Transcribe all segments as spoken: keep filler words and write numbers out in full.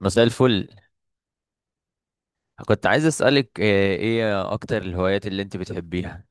مساء الفل. كنت عايز أسألك آه، ايه اكتر الهوايات اللي انت بتحبيها؟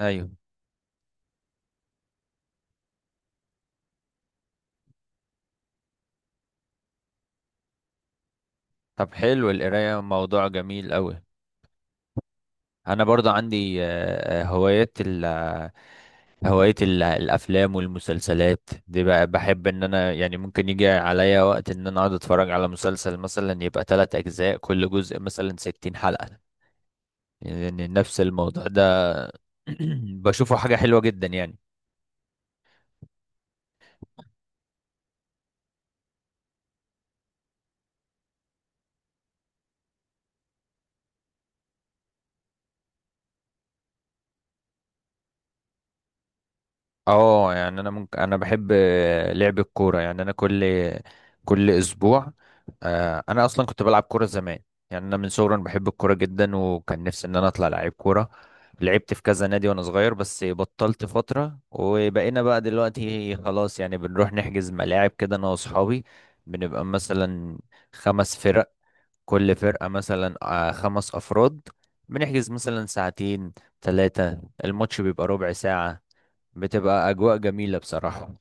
ايوه. طب حلو، القراية موضوع جميل قوي. انا برضه عندي آه، آه، هوايات ال آه، هواية ال- الافلام والمسلسلات دي، بقى بحب ان انا يعني ممكن يجي عليا وقت ان انا اقعد اتفرج على مسلسل مثلا، يبقى ثلاث اجزاء، كل جزء مثلا ستين حلقة. يعني نفس الموضوع ده. بشوفه حاجة حلوة جدا يعني. اه يعني انا ممكن، انا بحب آه، لعب الكوره. يعني انا كل كل اسبوع، آه، انا اصلا كنت بلعب كوره زمان. يعني انا من صغري أنا بحب الكوره جدا، وكان نفسي ان انا اطلع لعيب كوره. لعبت في كذا نادي وانا صغير، بس بطلت فتره، وبقينا بقى دلوقتي خلاص يعني بنروح نحجز ملاعب كده انا واصحابي. بنبقى مثلا خمس فرق، كل فرقه مثلا آه، خمس افراد، بنحجز مثلا ساعتين ثلاثه، الماتش بيبقى ربع ساعه. بتبقى أجواء جميلة بصراحة.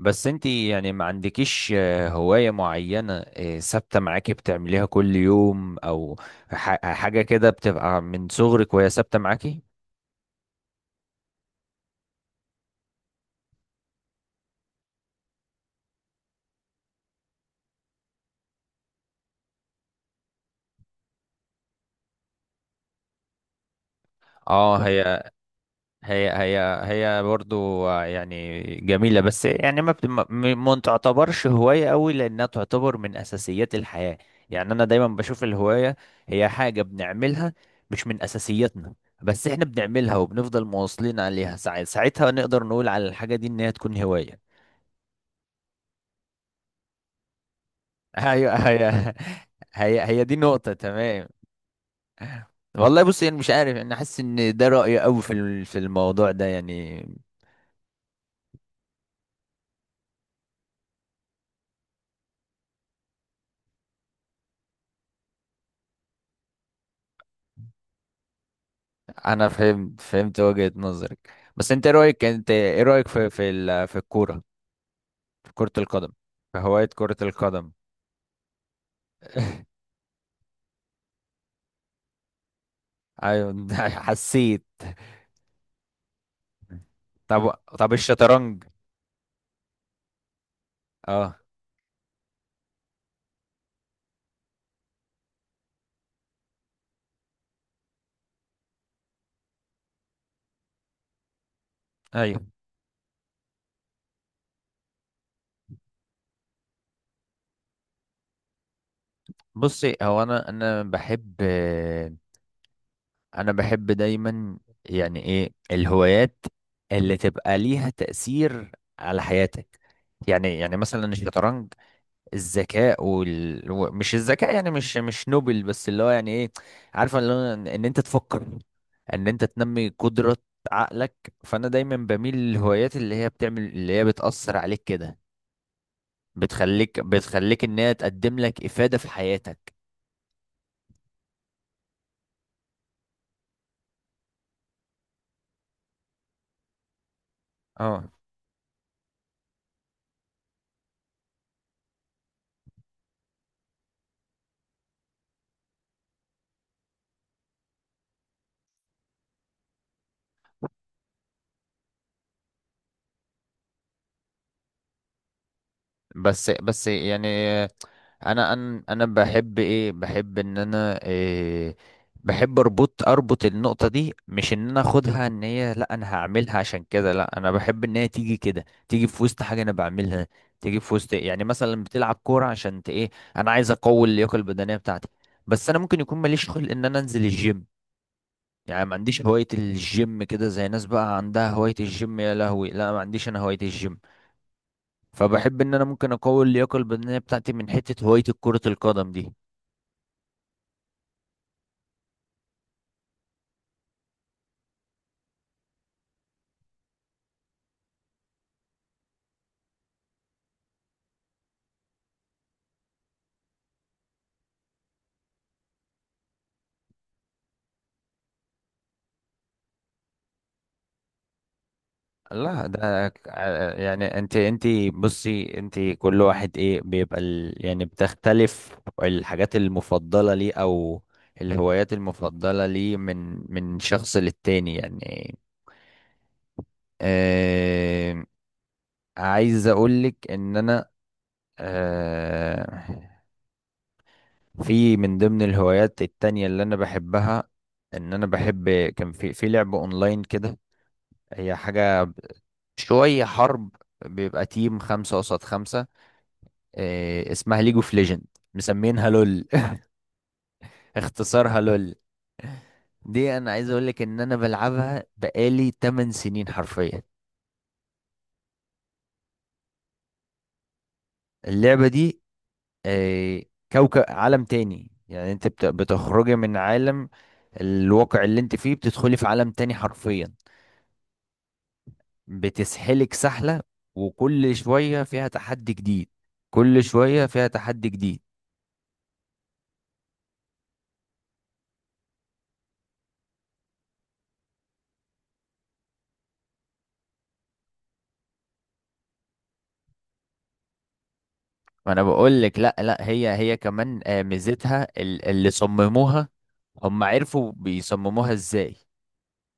بس انتي يعني ما عندكيش آه، هواية معينة آه، ثابتة معاكي بتعمليها كل يوم، أو ح- حاجة كده بتبقى من صغرك وهي ثابتة معاكي؟ اه. هي هي هي هي برضو يعني جميلة، بس يعني ما بت- ما ما تعتبرش هواية قوي، لأنها تعتبر من أساسيات الحياة. يعني أنا دايما بشوف الهواية هي حاجة بنعملها مش من أساسياتنا، بس إحنا بنعملها وبنفضل مواصلين عليها. ساع- ساعتها نقدر نقول على الحاجة دي إن هي تكون هواية. أيوة. هي هي هي دي نقطة تمام. والله بص، يعني مش عارف، أنا حاسس إن ده رأيي قوي في ال- في الموضوع ده يعني. انا فهمت، فهمت وجهة نظرك. بس انت إيه رايك، انت ايه رايك في في ال- في الكوره، في كرة القدم، في هواية كرة القدم؟ ايوه. حسيت. طب، طب الشطرنج؟ اه. ايوه بصي، هو انا انا بحب، انا بحب دايما، يعني ايه الهوايات اللي تبقى ليها تأثير على حياتك؟ يعني، يعني مثلا الشطرنج، الذكاء وال... و- مش الذكاء يعني، مش مش نوبل، بس اللي هو يعني ايه، عارفه، اللي هو ان إن انت تفكر، ان انت تنمي قدرة عقلك. فانا دايما بميل للهوايات اللي هي بتعمل، اللي هي بتأثر عليك كده، بتخليك، بتخليك ان هي تقدم لك إفادة في حياتك. اه بس، بس يعني انا انا انا بحب ايه، بحب ان انا إيه، بحب اربط، اربط النقطه دي. مش ان انا اخدها ان هي، لا انا هعملها عشان كده، لا انا بحب ان هي تيجي كده، تيجي في وسط حاجه انا بعملها، تيجي في وسط، يعني مثلا بتلعب كوره عشان ت- ايه، انا عايز اقوي اللياقه البدنيه بتاعتي. بس انا ممكن يكون ماليش خلق ان انا انزل الجيم، يعني ما عنديش هوايه الجيم كده. زي ناس بقى عندها هوايه الجيم، يا لهوي، لا ما عنديش انا هوايه الجيم. فبحب ان انا ممكن اقوي اللياقه البدنيه بتاعتي من حته هوايه كره القدم دي. لا ده ك- ع- يعني انت انت بصي، انت كل واحد ايه بيبقى ال... يعني بتختلف الحاجات المفضلة ليه، او الهوايات المفضلة ليه من من شخص للتاني يعني. آه... عايز اقولك ان انا آه... في من ضمن الهوايات التانية اللي انا بحبها، ان انا بحب، كان في في لعب اونلاين كده. هي حاجة شوية حرب، بيبقى تيم خمسة قصاد خمسة. آه، اسمها ليج اوف ليجند، مسمينها لول. اختصارها لول. دي انا عايز اقول لك ان انا بلعبها بقالي ثمانية سنين حرفيا، اللعبة دي. آه، كوكب عالم تاني، يعني انت بت- بتخرجي من عالم الواقع اللي انت فيه، بتدخلي في عالم تاني حرفيا، بتسحلك سحلة. وكل شوية فيها تحدي جديد، كل شوية فيها تحدي جديد. ما انا بقول لك، لا لا، هي هي كمان آه، ميزتها ال- اللي صمموها، هم عرفوا بيصمموها ازاي.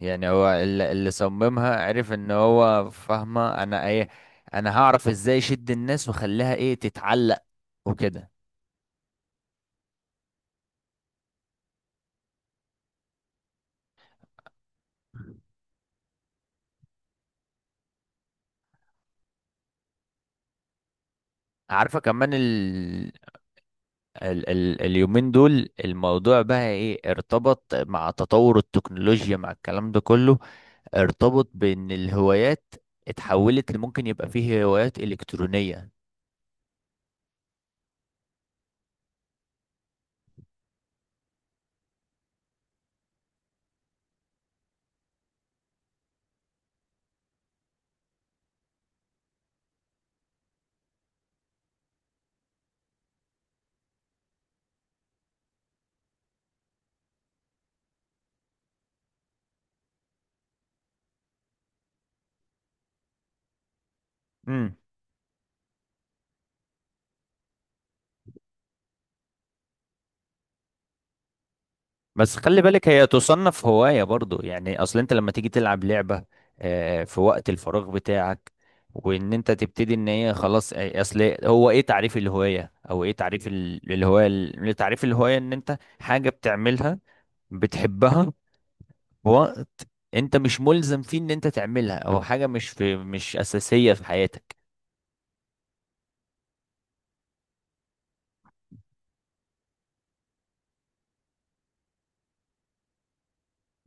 يعني هو ال- اللي صممها عرف ان هو، فاهمه انا ايه، انا هعرف ازاي اشد الناس واخليها ايه تتعلق وكده. عارفه كمان ال... ال... ال... اليومين دول الموضوع بقى ايه، ارتبط مع تطور التكنولوجيا، مع الكلام ده كله، ارتبط بان الهوايات اتحولت لممكن يبقى فيه هوايات الكترونيه. مم. بس خلي بالك هي تصنف هواية برضو يعني. اصل انت لما تيجي تلعب لعبة آه، في وقت الفراغ بتاعك، وان انت تبتدي ان هي خلاص، آه، اصل هو ايه تعريف الهواية؟ او ايه تعريف ال- الهواية ال- تعريف الهواية؟ ان انت حاجة بتعملها، بتحبها في وقت انت مش ملزم فيه ان انت تعملها، او حاجة مش في مش اساسية في حياتك.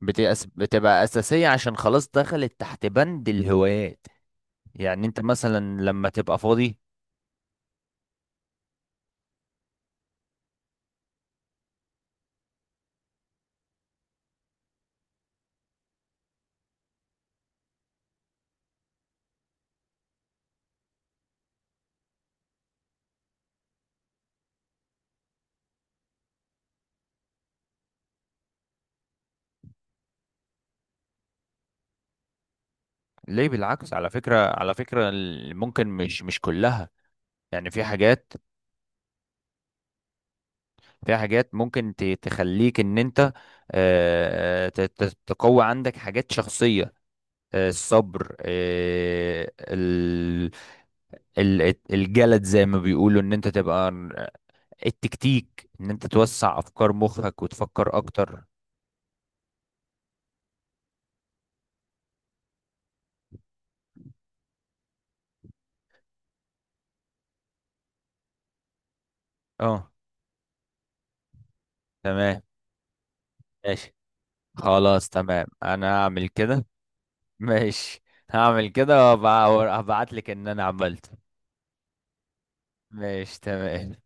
بتأس- بتبقى اساسية عشان خلاص دخلت تحت بند الهوايات. يعني انت مثلا لما تبقى فاضي، ليه؟ بالعكس على فكرة، على فكرة ال- ممكن مش مش كلها. يعني في حاجات، في حاجات ممكن ت- تخليك ان انت آه، ت- ت- تقوي عندك حاجات شخصية، آه، الصبر، آه، ال- ال- الجلد زي ما بيقولوا، ان انت تبقى التكتيك، ان انت توسع افكار مخك وتفكر اكتر. اه تمام. ماشي، خلاص تمام، انا هعمل كده. ماشي، هعمل كده وابعت لك ان انا عملت. ماشي تمام.